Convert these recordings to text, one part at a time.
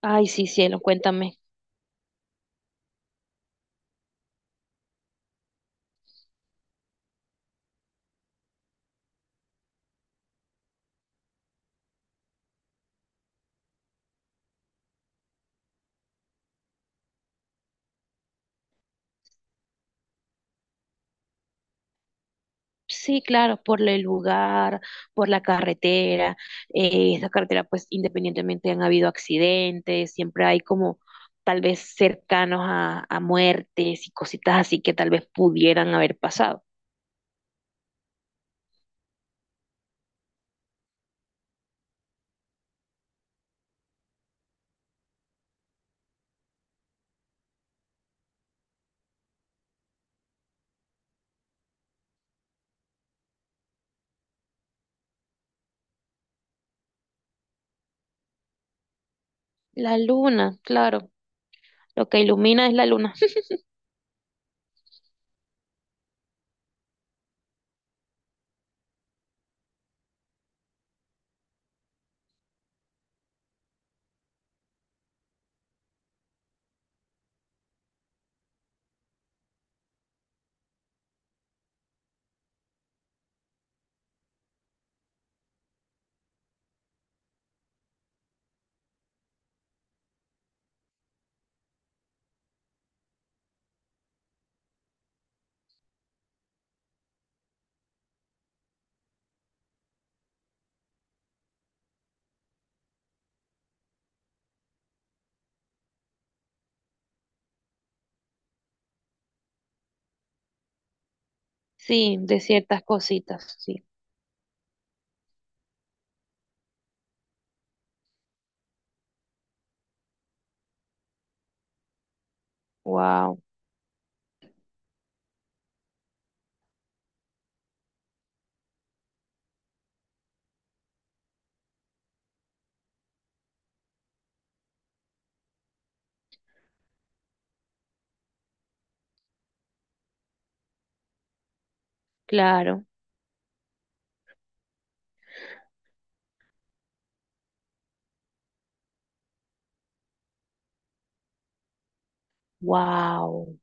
Ay, sí, cielo, cuéntame. Sí, claro, por el lugar, por la carretera. Esa carretera, pues independientemente han habido accidentes, siempre hay como tal vez cercanos a muertes y cositas así que tal vez pudieran haber pasado. La luna, claro, lo que ilumina es la luna. Sí, de ciertas cositas, sí. Wow, claro, wow.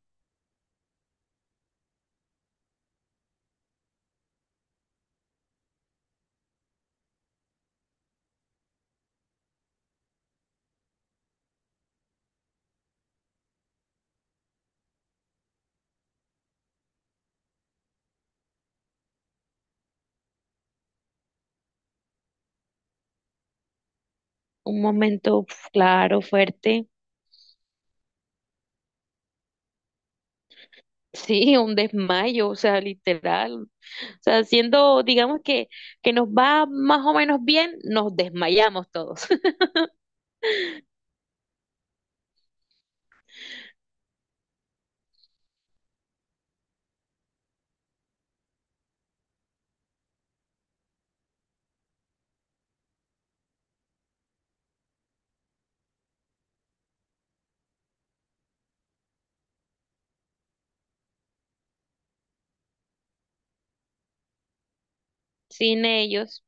Un momento, uf, claro, fuerte. Sí, un desmayo, o sea, literal. O sea, siendo, digamos que, nos va más o menos bien, nos desmayamos todos. Sin ellos,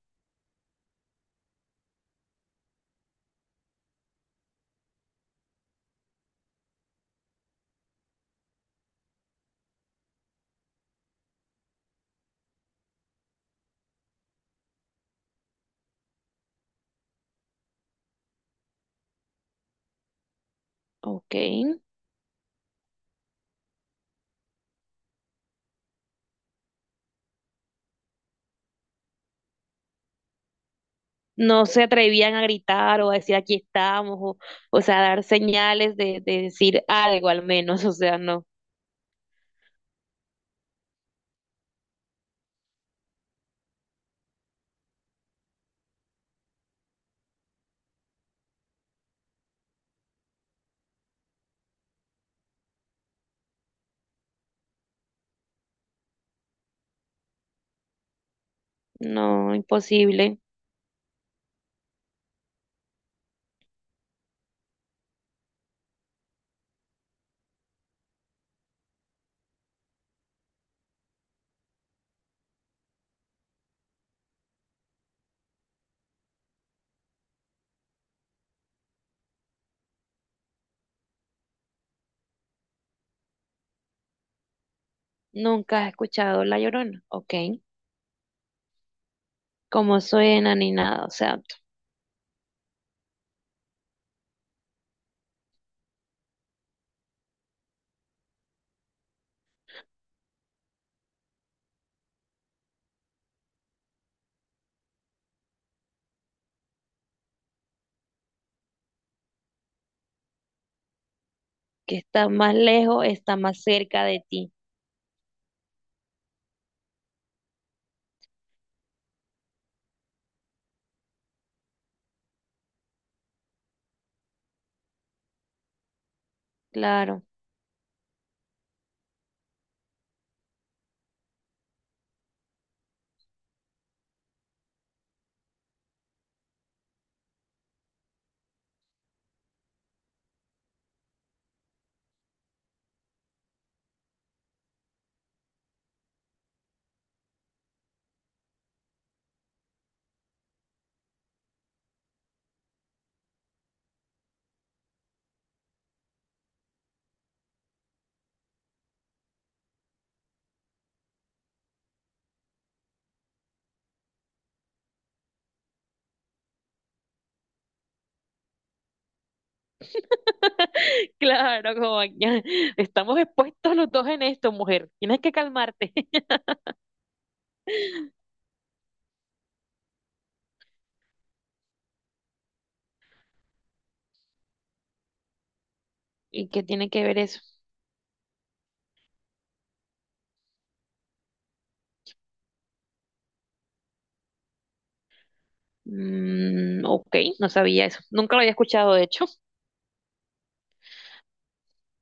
ok. No se atrevían a gritar o a decir aquí estamos, o sea, a dar señales de decir algo al menos, o sea, no, no, imposible. Nunca has escuchado La Llorona, ok. Cómo suena ni nada, o sea, que está más lejos, está más cerca de ti, claro. Claro, como ya estamos expuestos los dos en esto, mujer. Tienes que calmarte. ¿Y qué tiene que ver eso? Mm, ok, no sabía eso. Nunca lo había escuchado, de hecho.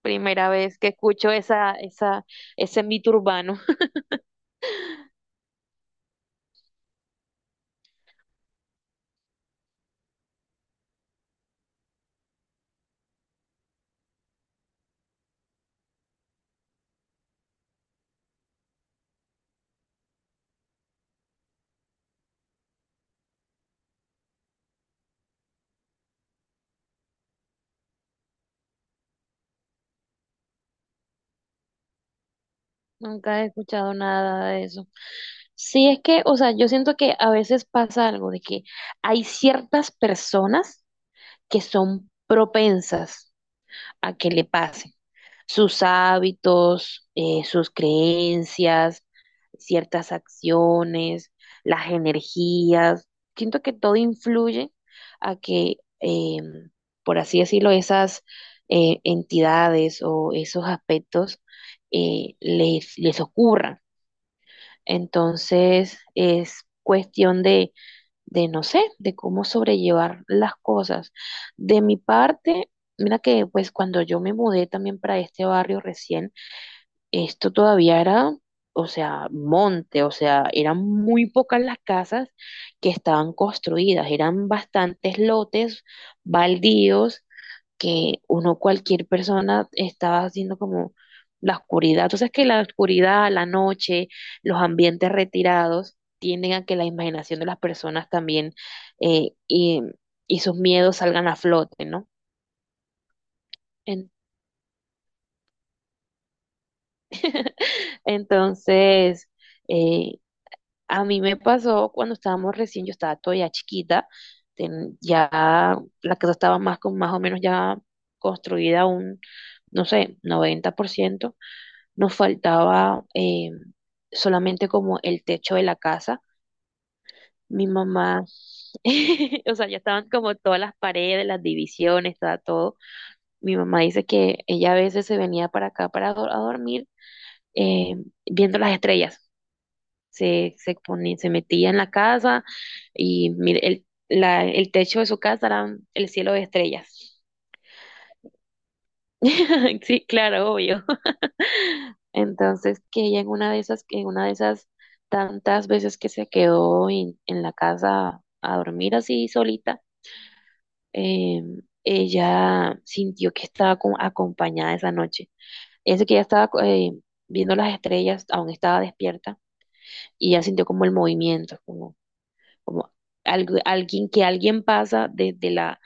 Primera vez que escucho ese mito urbano. Nunca he escuchado nada de eso. Sí, es que, o sea, yo siento que a veces pasa algo de que hay ciertas personas que son propensas a que le pase. Sus hábitos, sus creencias, ciertas acciones, las energías. Siento que todo influye a que, por así decirlo, esas entidades o esos aspectos les ocurran. Entonces, es cuestión de, no sé, de cómo sobrellevar las cosas. De mi parte, mira que pues cuando yo me mudé también para este barrio recién, esto todavía era, o sea, monte, o sea, eran muy pocas las casas que estaban construidas, eran bastantes lotes baldíos que uno, cualquier persona, estaba haciendo como la oscuridad. Entonces, que la oscuridad, la noche, los ambientes retirados tienden a que la imaginación de las personas también eh, y, y sus miedos salgan a flote, ¿no? En- Entonces, eh, a mí me pasó cuando estábamos recién, yo estaba todavía chiquita, ya la casa estaba más o menos ya construida un, no sé, 90%. Nos faltaba solamente como el techo de la casa. Mi mamá, o sea, ya estaban como todas las paredes, las divisiones, estaba todo. Mi mamá dice que ella a veces se venía para acá a dormir eh, viendo las estrellas. Se ponía, se metía en la casa y mire, el techo de su casa era el cielo de estrellas. Sí, claro, obvio. Entonces, que ella en una de esas tantas veces que se quedó en la casa a dormir así solita, eh, ella sintió que estaba acompañada esa noche. Eso que ella estaba viendo las estrellas, aún estaba despierta, y ella sintió como el movimiento, como, algo, alguien, que alguien pasa desde la,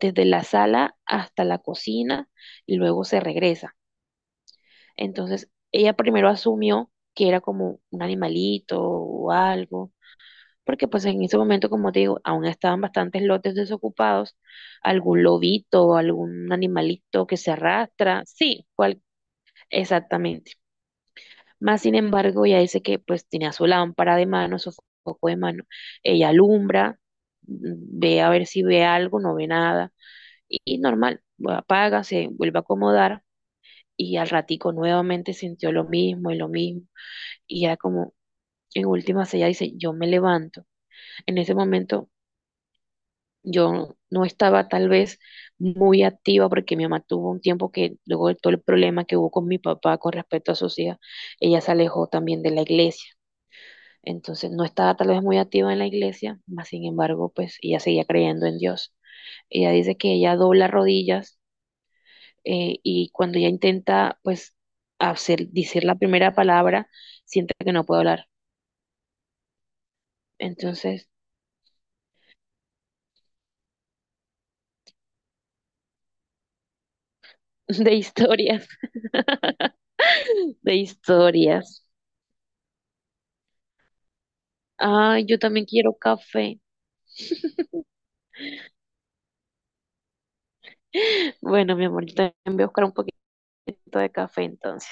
desde la sala hasta la cocina y luego se regresa. Entonces, ella primero asumió que era como un animalito o algo, porque pues en ese momento, como te digo, aún estaban bastantes lotes desocupados, algún lobito, algún animalito que se arrastra, sí, exactamente. Más sin embargo, ella dice que pues tenía su lámpara de mano, su foco de mano, ella alumbra, ve a ver si ve algo, no ve nada, y normal, apaga, se vuelve a acomodar. Y al ratico nuevamente sintió lo mismo y ya como en últimas ella dice, yo me levanto. En ese momento yo no estaba tal vez muy activa porque mi mamá tuvo un tiempo que luego de todo el problema que hubo con mi papá con respecto a sus hijas, ella se alejó también de la iglesia. Entonces no estaba tal vez muy activa en la iglesia, mas sin embargo, pues ella seguía creyendo en Dios. Ella dice que ella dobla rodillas y cuando ella intenta pues hacer, decir la primera palabra, siente que no puede hablar. Entonces de historias, de historias. Ah, yo también quiero café. Bueno, mi amor, yo también voy a buscar un poquito de café entonces.